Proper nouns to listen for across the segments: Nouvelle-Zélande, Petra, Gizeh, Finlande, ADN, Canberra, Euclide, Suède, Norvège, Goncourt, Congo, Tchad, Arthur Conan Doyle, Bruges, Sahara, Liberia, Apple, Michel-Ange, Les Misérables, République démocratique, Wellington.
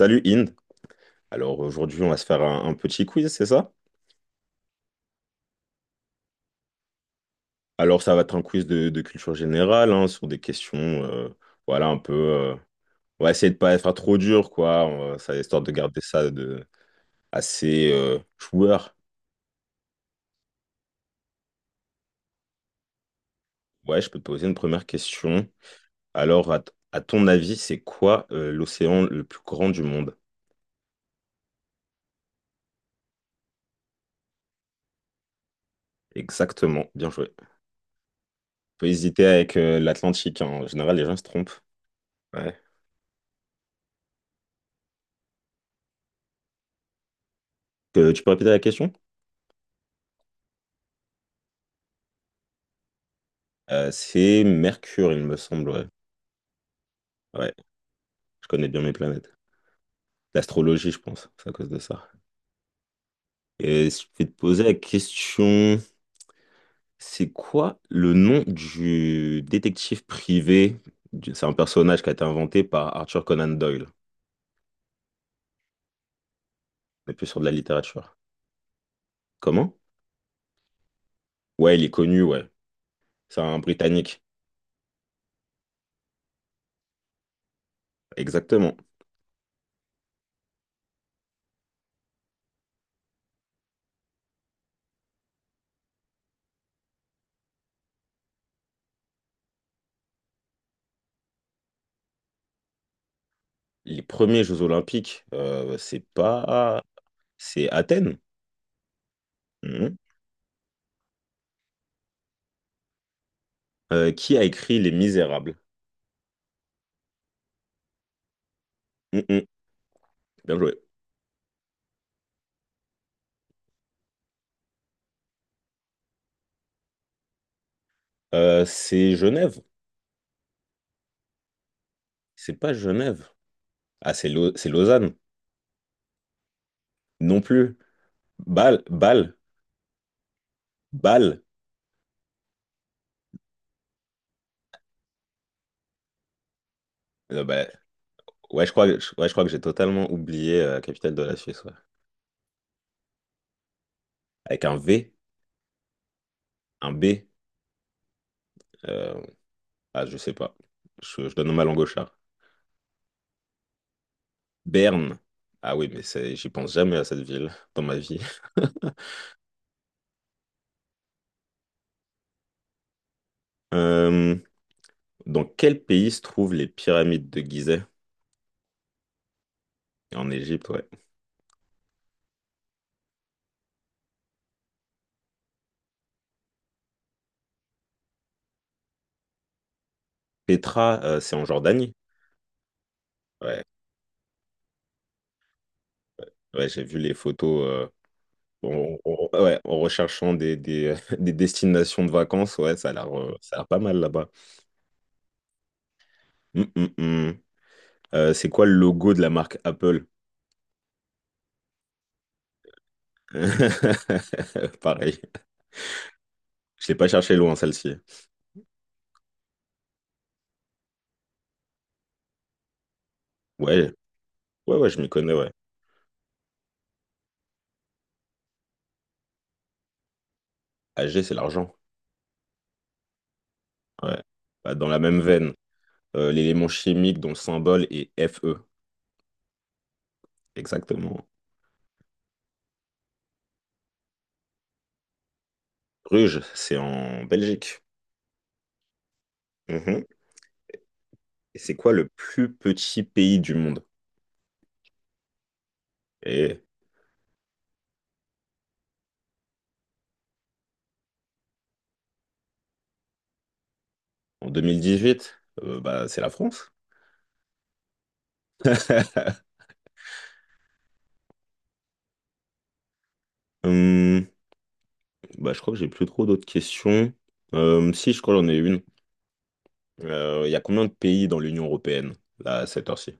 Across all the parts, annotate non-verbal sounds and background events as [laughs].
Salut Inde. Alors aujourd'hui, on va se faire un petit quiz, c'est ça? Alors ça va être un quiz de culture générale, hein, sur des questions, voilà, un peu. On va essayer de pas être trop dur, quoi. Ça, histoire de garder ça de assez joueur. Ouais, je peux te poser une première question. Alors, à ton avis, c'est quoi l'océan le plus grand du monde? Exactement. Bien joué. Faut hésiter avec l'Atlantique, hein. En général, les gens se trompent. Ouais. Tu peux répéter la question? C'est Mercure, il me semble. Ouais. Ouais. Je connais bien mes planètes. L'astrologie, je pense, c'est à cause de ça. Et je vais te poser la question, c'est quoi le nom du détective privé? C'est un personnage qui a été inventé par Arthur Conan Doyle. On est plus sur de la littérature. Comment? Ouais, il est connu, ouais. C'est un Britannique. Exactement. Les premiers Jeux Olympiques, c'est pas... C'est Athènes. Mhm. Qui a écrit Les Misérables? Mhm. Bien joué. C'est Genève. C'est pas Genève. Ah, c'est Lausanne. Non plus. Bâle, Bâle, Bâle. Bah, ouais, je crois, ouais, je crois que j'ai totalement oublié la capitale de la Suisse, ouais. Avec un V, un B. euh, ah, je sais pas. Je donne ma langue au chat. Berne. Ah oui, mais c'est, j'y pense jamais à cette ville dans ma vie. [laughs] Euh, dans quel pays se trouvent les pyramides de Gizeh? En Égypte, ouais. Petra, c'est en Jordanie? Ouais, ouais, j'ai vu les photos. En recherchant des [laughs] des destinations de vacances, ouais, ça a l'air pas mal là-bas. Hum, hum, hum. C'est quoi le logo de la marque Apple? [laughs] Pareil. Je l'ai pas cherché loin, celle-ci. Ouais, ouais, ouais, je m'y connais, ouais. AG, c'est l'argent. Ouais. Bah, dans la même veine, l'élément chimique dont le symbole est Fe. Exactement. Bruges, c'est en Belgique. Mhm. Et c'est quoi le plus petit pays du monde? Et en 2018, bah, c'est la France. [laughs] Hum, bah, je crois que j'ai plus trop d'autres questions. Si, je crois que j'en ai une. Il y a combien de pays dans l'Union européenne, là, à cette heure-ci?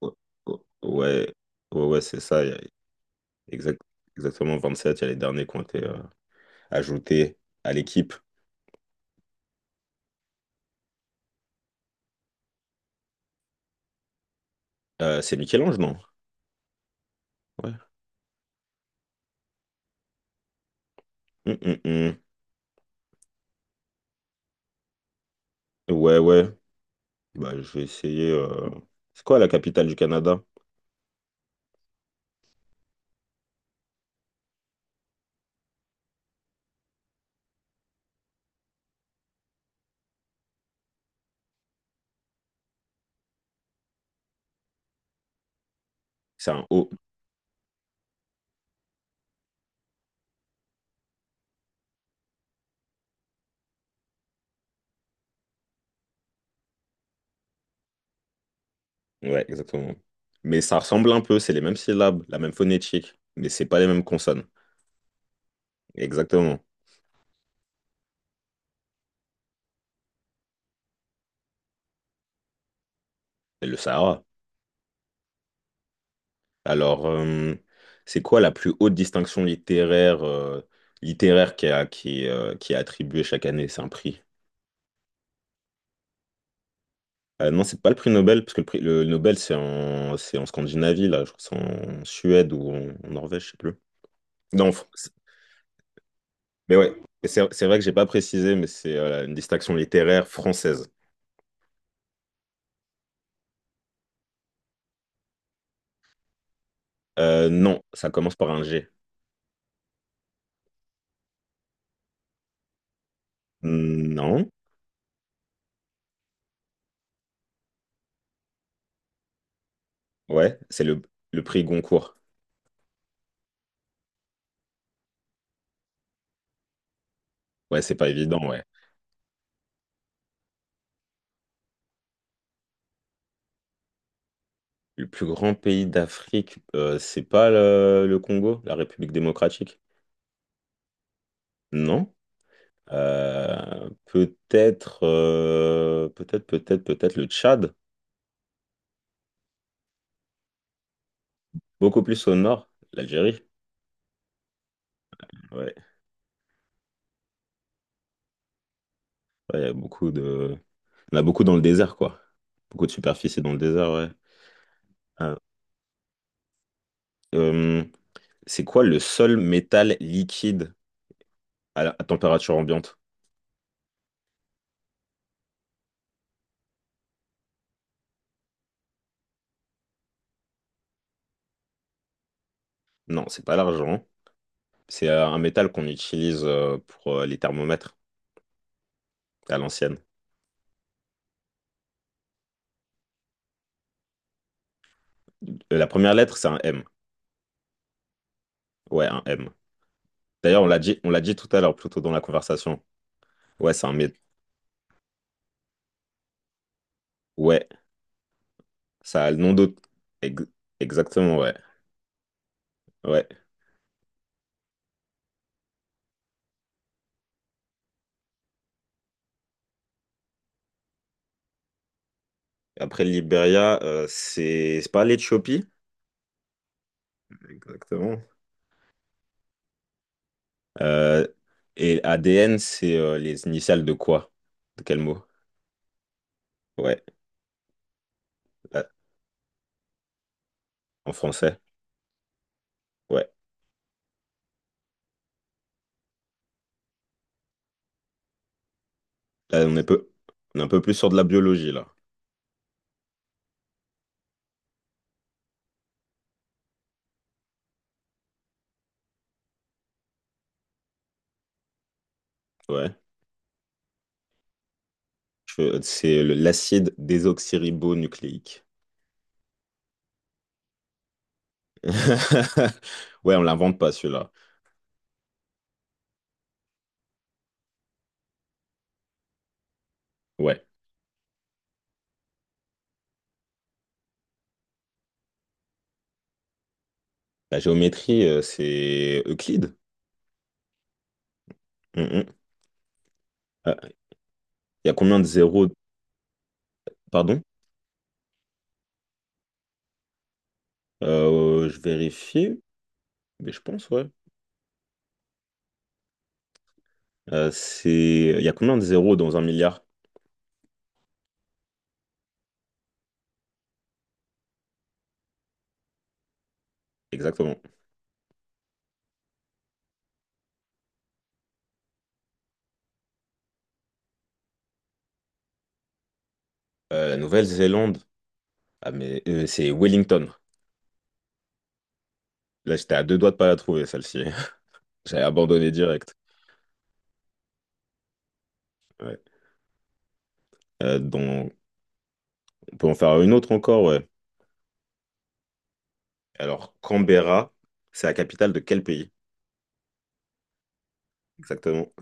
Ouais, ouais, ouais, ouais, c'est ça. Il y a exact- exactement 27. Il y a les derniers qui ont été ajoutés à l'équipe. C'est Michel-Ange, non? Ouais. Hum, hum, hum. Ouais, ouais. Bah, je vais essayer. C'est quoi la capitale du Canada? C'est un O. Ouais, exactement. Mais ça ressemble un peu. C'est les mêmes syllabes, la même phonétique, mais c'est pas les mêmes consonnes. Exactement. C'est le Sahara. Alors, c'est quoi la plus haute distinction littéraire qui est attribuée chaque année? C'est un prix. Non, c'est pas le prix Nobel, parce que le prix le Nobel, c'est en Scandinavie, là. Je crois que c'est en Suède ou en Norvège, je sais plus. Non, en France. Mais ouais, c'est vrai que j'ai pas précisé, mais c'est une distinction littéraire française. Non, ça commence par un G. Non, ouais, c'est le prix Goncourt. Ouais, c'est pas évident, ouais. Le plus grand pays d'Afrique, c'est pas le Congo, la République démocratique? Non. Peut-être, peut-être, peut-être, peut-être le Tchad, beaucoup plus au nord, l'Algérie. Ouais, ouais, il y a beaucoup de... On a beaucoup dans le désert, quoi. Beaucoup de superficie dans le désert, ouais. Ah, euh, c'est quoi le seul métal liquide à température ambiante? Non, c'est pas l'argent. C'est un métal qu'on utilise pour les thermomètres, à l'ancienne. La première lettre, c'est un M. Ouais, un M. D'ailleurs, on l'a dit tout à l'heure, plutôt dans la conversation. Ouais, Ouais, ça a le nom d'autre. Ex- Exactement, ouais. Ouais. Après, le Liberia, c'est pas l'Éthiopie. Exactement. Euh, et ADN, c'est les initiales de quoi? De quel mot? Ouais, là, en français. Ouais. Là, on est un peu plus sur de la biologie, là. Ouais. C'est l'acide désoxyribonucléique. [laughs] Ouais, on l'invente pas celui-là. Ouais. La géométrie, c'est Euclide. Mmh, mmh. Ah, il y a combien de zéros? Pardon? Je vérifie, mais je pense, ouais. Il y a combien de zéros dans un milliard? Exactement. La Nouvelle-Zélande. Ah, mais c'est Wellington. Là, j'étais à deux doigts de pas la trouver, celle-ci. [laughs] J'avais abandonné direct. Ouais. Donc, on peut en faire une autre encore, ouais. Alors, Canberra, c'est la capitale de quel pays? Exactement.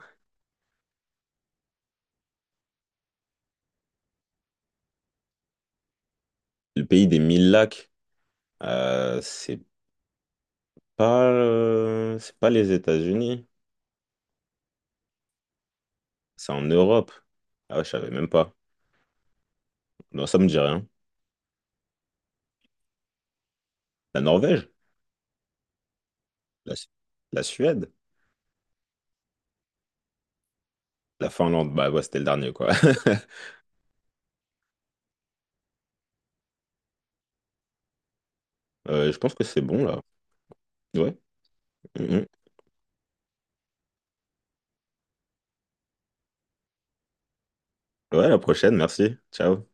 Le pays des mille lacs. Euh, c'est c'est pas les États-Unis, c'est en Europe. Ah ouais, je savais même pas. Non, ça me dit rien. La Norvège, la, Su- la Suède, la Finlande. Bah ouais, c'était le dernier quoi. [laughs] Je pense que c'est bon là. Ouais. Mhm. Ouais, à la prochaine, merci. Ciao.